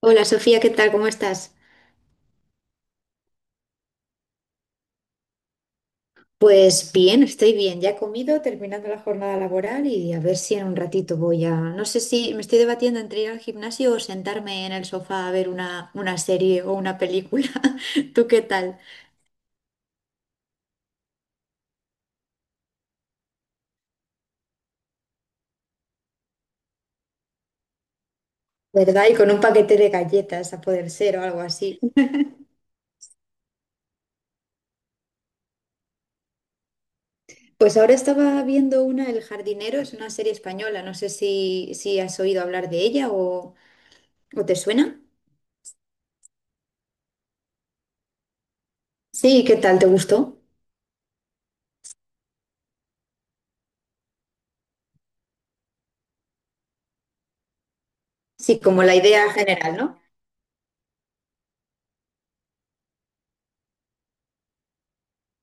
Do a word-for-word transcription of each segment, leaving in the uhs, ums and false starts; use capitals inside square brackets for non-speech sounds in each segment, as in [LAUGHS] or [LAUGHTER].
Hola Sofía, ¿qué tal? ¿Cómo estás? Pues bien, estoy bien. Ya he comido, terminando la jornada laboral y a ver si en un ratito, voy a... No sé si me estoy debatiendo entre ir al gimnasio o sentarme en el sofá a ver una, una serie o una película. [LAUGHS] ¿Tú qué tal? ¿Verdad? Y con un paquete de galletas a poder ser o algo así. [LAUGHS] Pues ahora estaba viendo una, El jardinero, es una serie española. No sé si, si has oído hablar de ella o, o te suena. Sí, ¿qué tal? ¿Te gustó? Sí, como la idea general, ¿no?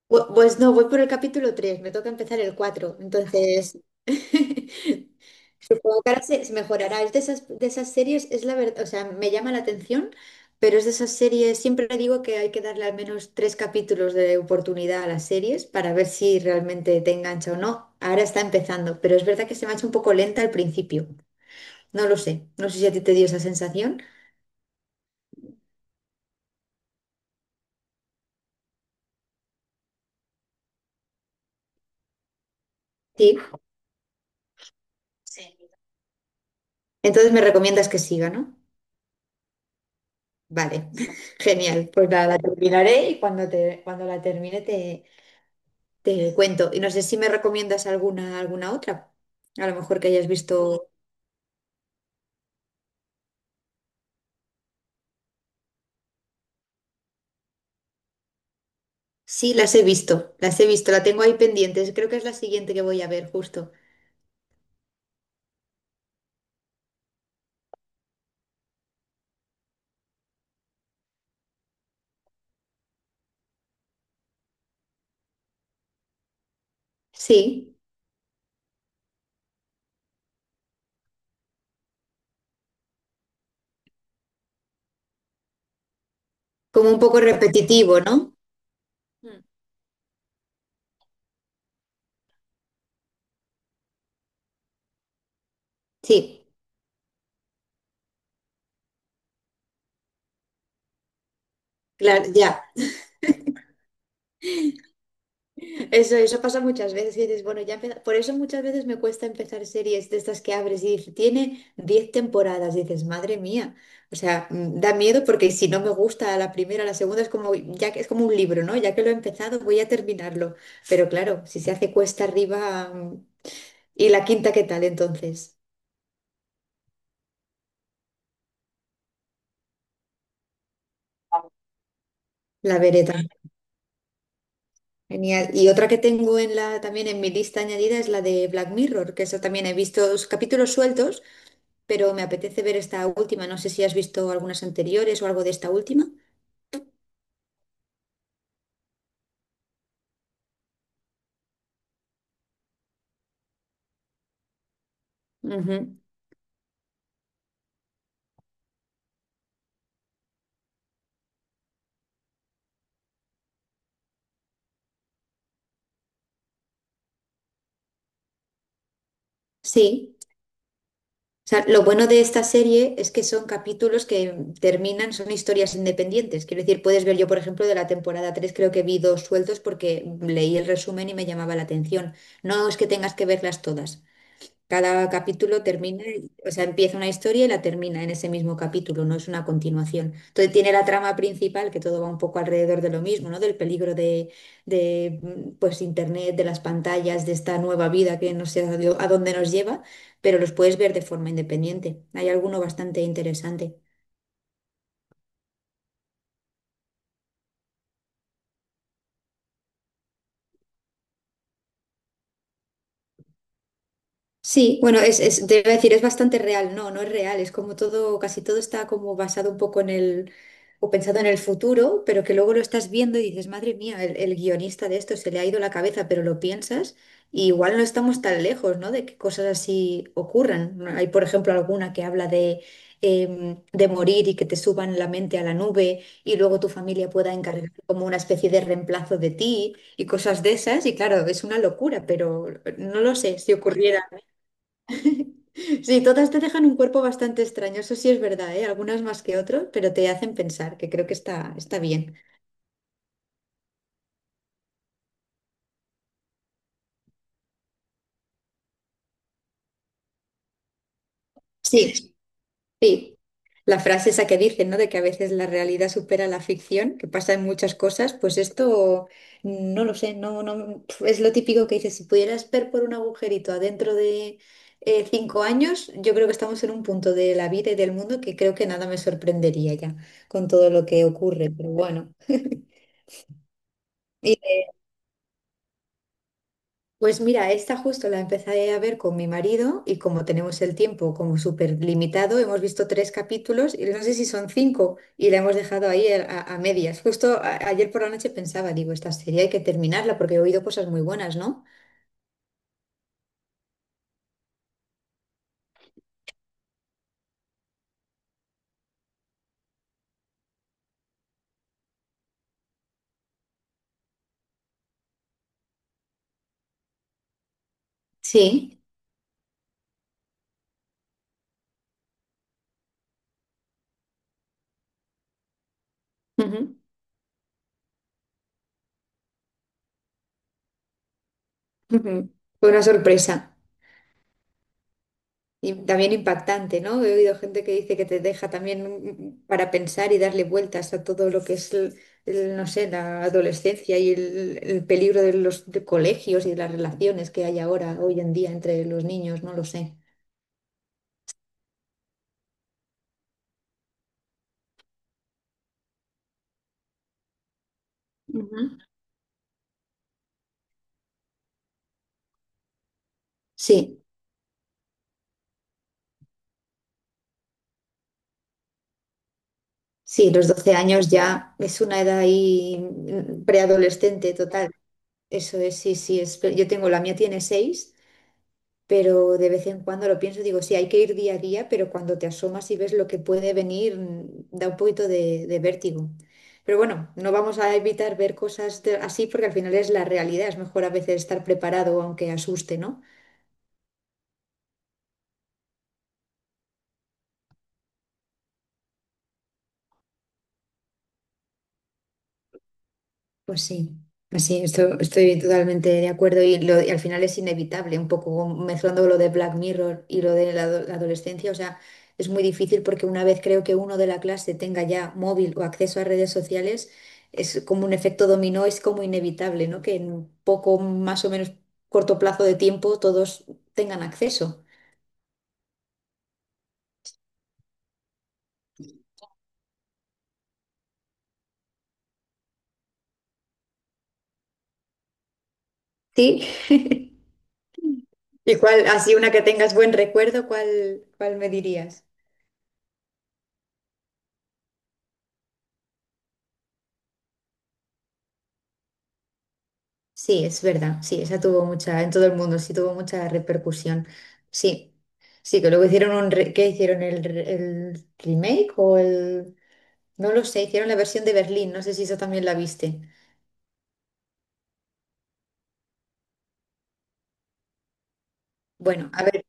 Bu- Pues no, voy por el capítulo tres, me toca empezar el cuatro, entonces [LAUGHS] supongo que ahora se, se mejorará. Es de esas, de esas series, es la verdad, o sea, me llama la atención, pero es de esas series, siempre le digo que hay que darle al menos tres capítulos de oportunidad a las series para ver si realmente te engancha o no. Ahora está empezando, pero es verdad que se me ha hecho un poco lenta al principio. No lo sé, no sé si a ti te dio esa sensación. Sí. Sí. Entonces me recomiendas que siga, ¿no? Vale, [LAUGHS] genial. Pues nada, la terminaré y cuando, te, cuando la termine te, te cuento. Y no sé si me recomiendas alguna, alguna otra. A lo mejor que hayas visto. Sí, las he visto, las he visto, la tengo ahí pendientes. Creo que es la siguiente que voy a ver, justo. Sí, como un poco repetitivo, ¿no? Mm. Sí, claro, ya. Eso, eso pasa muchas veces y dices, bueno, ya empieza- por eso muchas veces me cuesta empezar series de estas que abres y dices, tiene diez temporadas. Y dices, madre mía. O sea, mm, da miedo porque si no me gusta la primera, la segunda es como, ya que es como un libro, ¿no? Ya que lo he empezado, voy a terminarlo. Pero claro, si se hace cuesta arriba, mm, ¿y la quinta qué tal entonces? La veré también. Genial. Y otra que tengo en la, también en mi lista añadida es la de Black Mirror, que eso también he visto dos capítulos sueltos, pero me apetece ver esta última. No sé si has visto algunas anteriores o algo de esta última. Ujú. Sí. O sea, lo bueno de esta serie es que son capítulos que terminan, son historias independientes. Quiero decir, puedes ver yo, por ejemplo, de la temporada tres, creo que vi dos sueltos porque leí el resumen y me llamaba la atención. No es que tengas que verlas todas. Cada capítulo termina, o sea, empieza una historia y la termina en ese mismo capítulo, no es una continuación. Entonces tiene la trama principal, que todo va un poco alrededor de lo mismo, ¿no? Del peligro de, de mm, pues, Internet, de las pantallas, de esta nueva vida que no sé a dó- a dónde nos lleva, pero los puedes ver de forma independiente. Hay alguno bastante interesante. Sí, bueno, es, es, te iba a decir, es bastante real. No, no es real. Es como todo, casi todo está como basado un poco en el, o pensado en el futuro, pero que luego lo estás viendo y dices, madre mía, el, el guionista de esto se le ha ido la cabeza, pero lo piensas y igual no estamos tan lejos, ¿no? De que cosas así ocurran. No, hay, por ejemplo, alguna que habla de, em, de morir y que te suban la mente a la nube y luego tu familia pueda encargar como una especie de reemplazo de ti y cosas de esas. Y claro, es una locura, pero no lo sé si ocurriera. Sí, todas te dejan un cuerpo bastante extraño, eso sí es verdad, ¿eh? Algunas más que otras, pero te hacen pensar, que creo que está, está bien. Sí, sí. La frase esa que dicen, ¿no? De que a veces la realidad supera la ficción, que pasa en muchas cosas, pues esto, mm, no lo sé, no, no, es lo típico que dices, si pudieras ver por un agujerito adentro de eh, cinco años, yo creo que estamos en un punto de la vida y del mundo que creo que nada me sorprendería ya con todo lo que ocurre, pero bueno. Pues mira, esta justo la empecé a ver con mi marido y como tenemos el tiempo como súper limitado, hemos visto tres capítulos y no sé si son cinco y la hemos dejado ahí a, a- a medias. Justo a- ayer por la noche pensaba, digo, esta serie hay que terminarla porque he oído cosas muy buenas, ¿no? Sí. Ujú, ujú. Fue una sorpresa. Y también impactante, ¿no? He oído gente que dice que te deja también, mm, para pensar y darle vueltas a todo lo que es, el- el, no sé, la adolescencia y el, el peligro de los de colegios y de las relaciones que hay ahora, hoy en día, entre los niños, no lo sé. Ujú. Sí, sí, los doce años ya es una edad ahí, mm, preadolescente total. Eso es, sí, sí, es, yo tengo, la mía tiene seis. Pero de vez en cuando lo pienso, digo, sí, hay que ir día a día, pero cuando te asomas y ves lo que puede venir, mm, da un poquito de, de vértigo. Pero bueno, no vamos a evitar ver cosas de- así porque al final es la realidad, es mejor a veces estar preparado aunque asuste, ¿no? Pues sí, pues sí, esto- estoy totalmente de acuerdo y, lo- y al final es inevitable, un poco mezclando lo de Black Mirror y lo de la, ado- la adolescencia, o sea, es muy difícil porque una vez creo que uno de la clase tenga ya móvil o acceso a redes sociales, es como un efecto dominó, es como inevitable, ¿no? Que en un poco más o menos corto plazo de tiempo todos tengan acceso. Sí. [LAUGHS] ¿Y cuál, así una que tengas buen recuerdo, cuál, cuál me dirías? Sí, es verdad, sí, esa tuvo mucha, en todo el mundo, sí tuvo mucha repercusión. Sí, sí, que luego hicieron un, re- ¿qué hicieron? ¿El, re- el remake o el...? No lo sé, hicieron la versión de Berlín, no sé si eso también la viste. Bueno, a ver,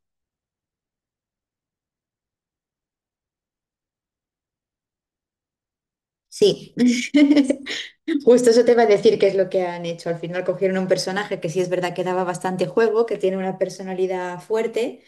sí, [LAUGHS] justo eso te iba a decir que es lo que han hecho. Al final cogieron un personaje que sí es verdad que daba bastante juego, que tiene una personalidad fuerte.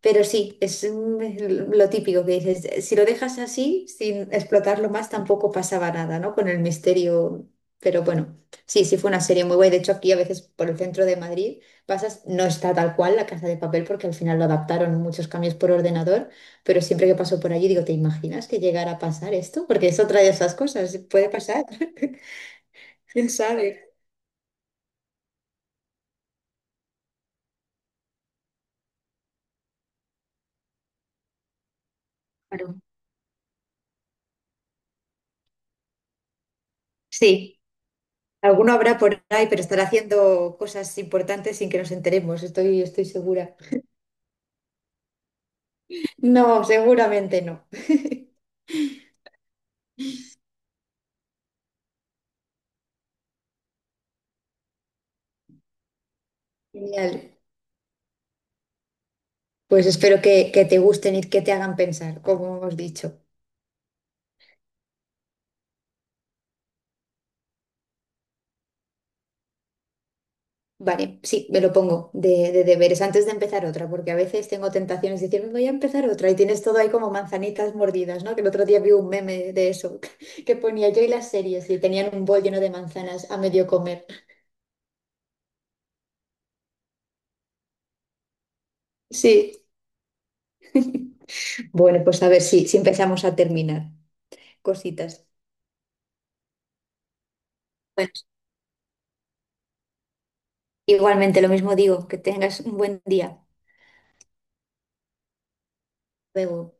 Pero sí, es, mm, lo típico que dices. Si lo dejas así, sin explotarlo más, tampoco pasaba nada, ¿no? Con el misterio. Pero bueno, sí, sí fue una serie muy guay. De hecho, aquí a veces por el centro de Madrid pasas, no está tal cual la Casa de Papel, porque al final lo adaptaron muchos cambios por ordenador, pero siempre que paso por allí digo, ¿te imaginas que llegara a pasar esto? Porque es otra de esas cosas, puede pasar. [LAUGHS] ¿Quién sabe? Claro. Sí, alguno habrá por ahí, pero estará haciendo cosas importantes sin que nos enteremos, estoy, estoy segura. No, seguramente no. Genial. Pues espero que, que te gusten y que te hagan pensar, como hemos dicho. Vale, sí, me lo pongo de, de deberes antes de empezar otra, porque a veces tengo tentaciones de decir, voy a empezar otra y tienes todo ahí como manzanitas mordidas, ¿no? Que el otro día vi un meme de eso, [LAUGHS] que ponía yo y las series y tenían un bol lleno de manzanas a medio comer. Sí, bueno, pues a ver si, si empezamos a terminar cositas. Bueno, igualmente lo mismo digo, que tengas un buen día. Hasta luego.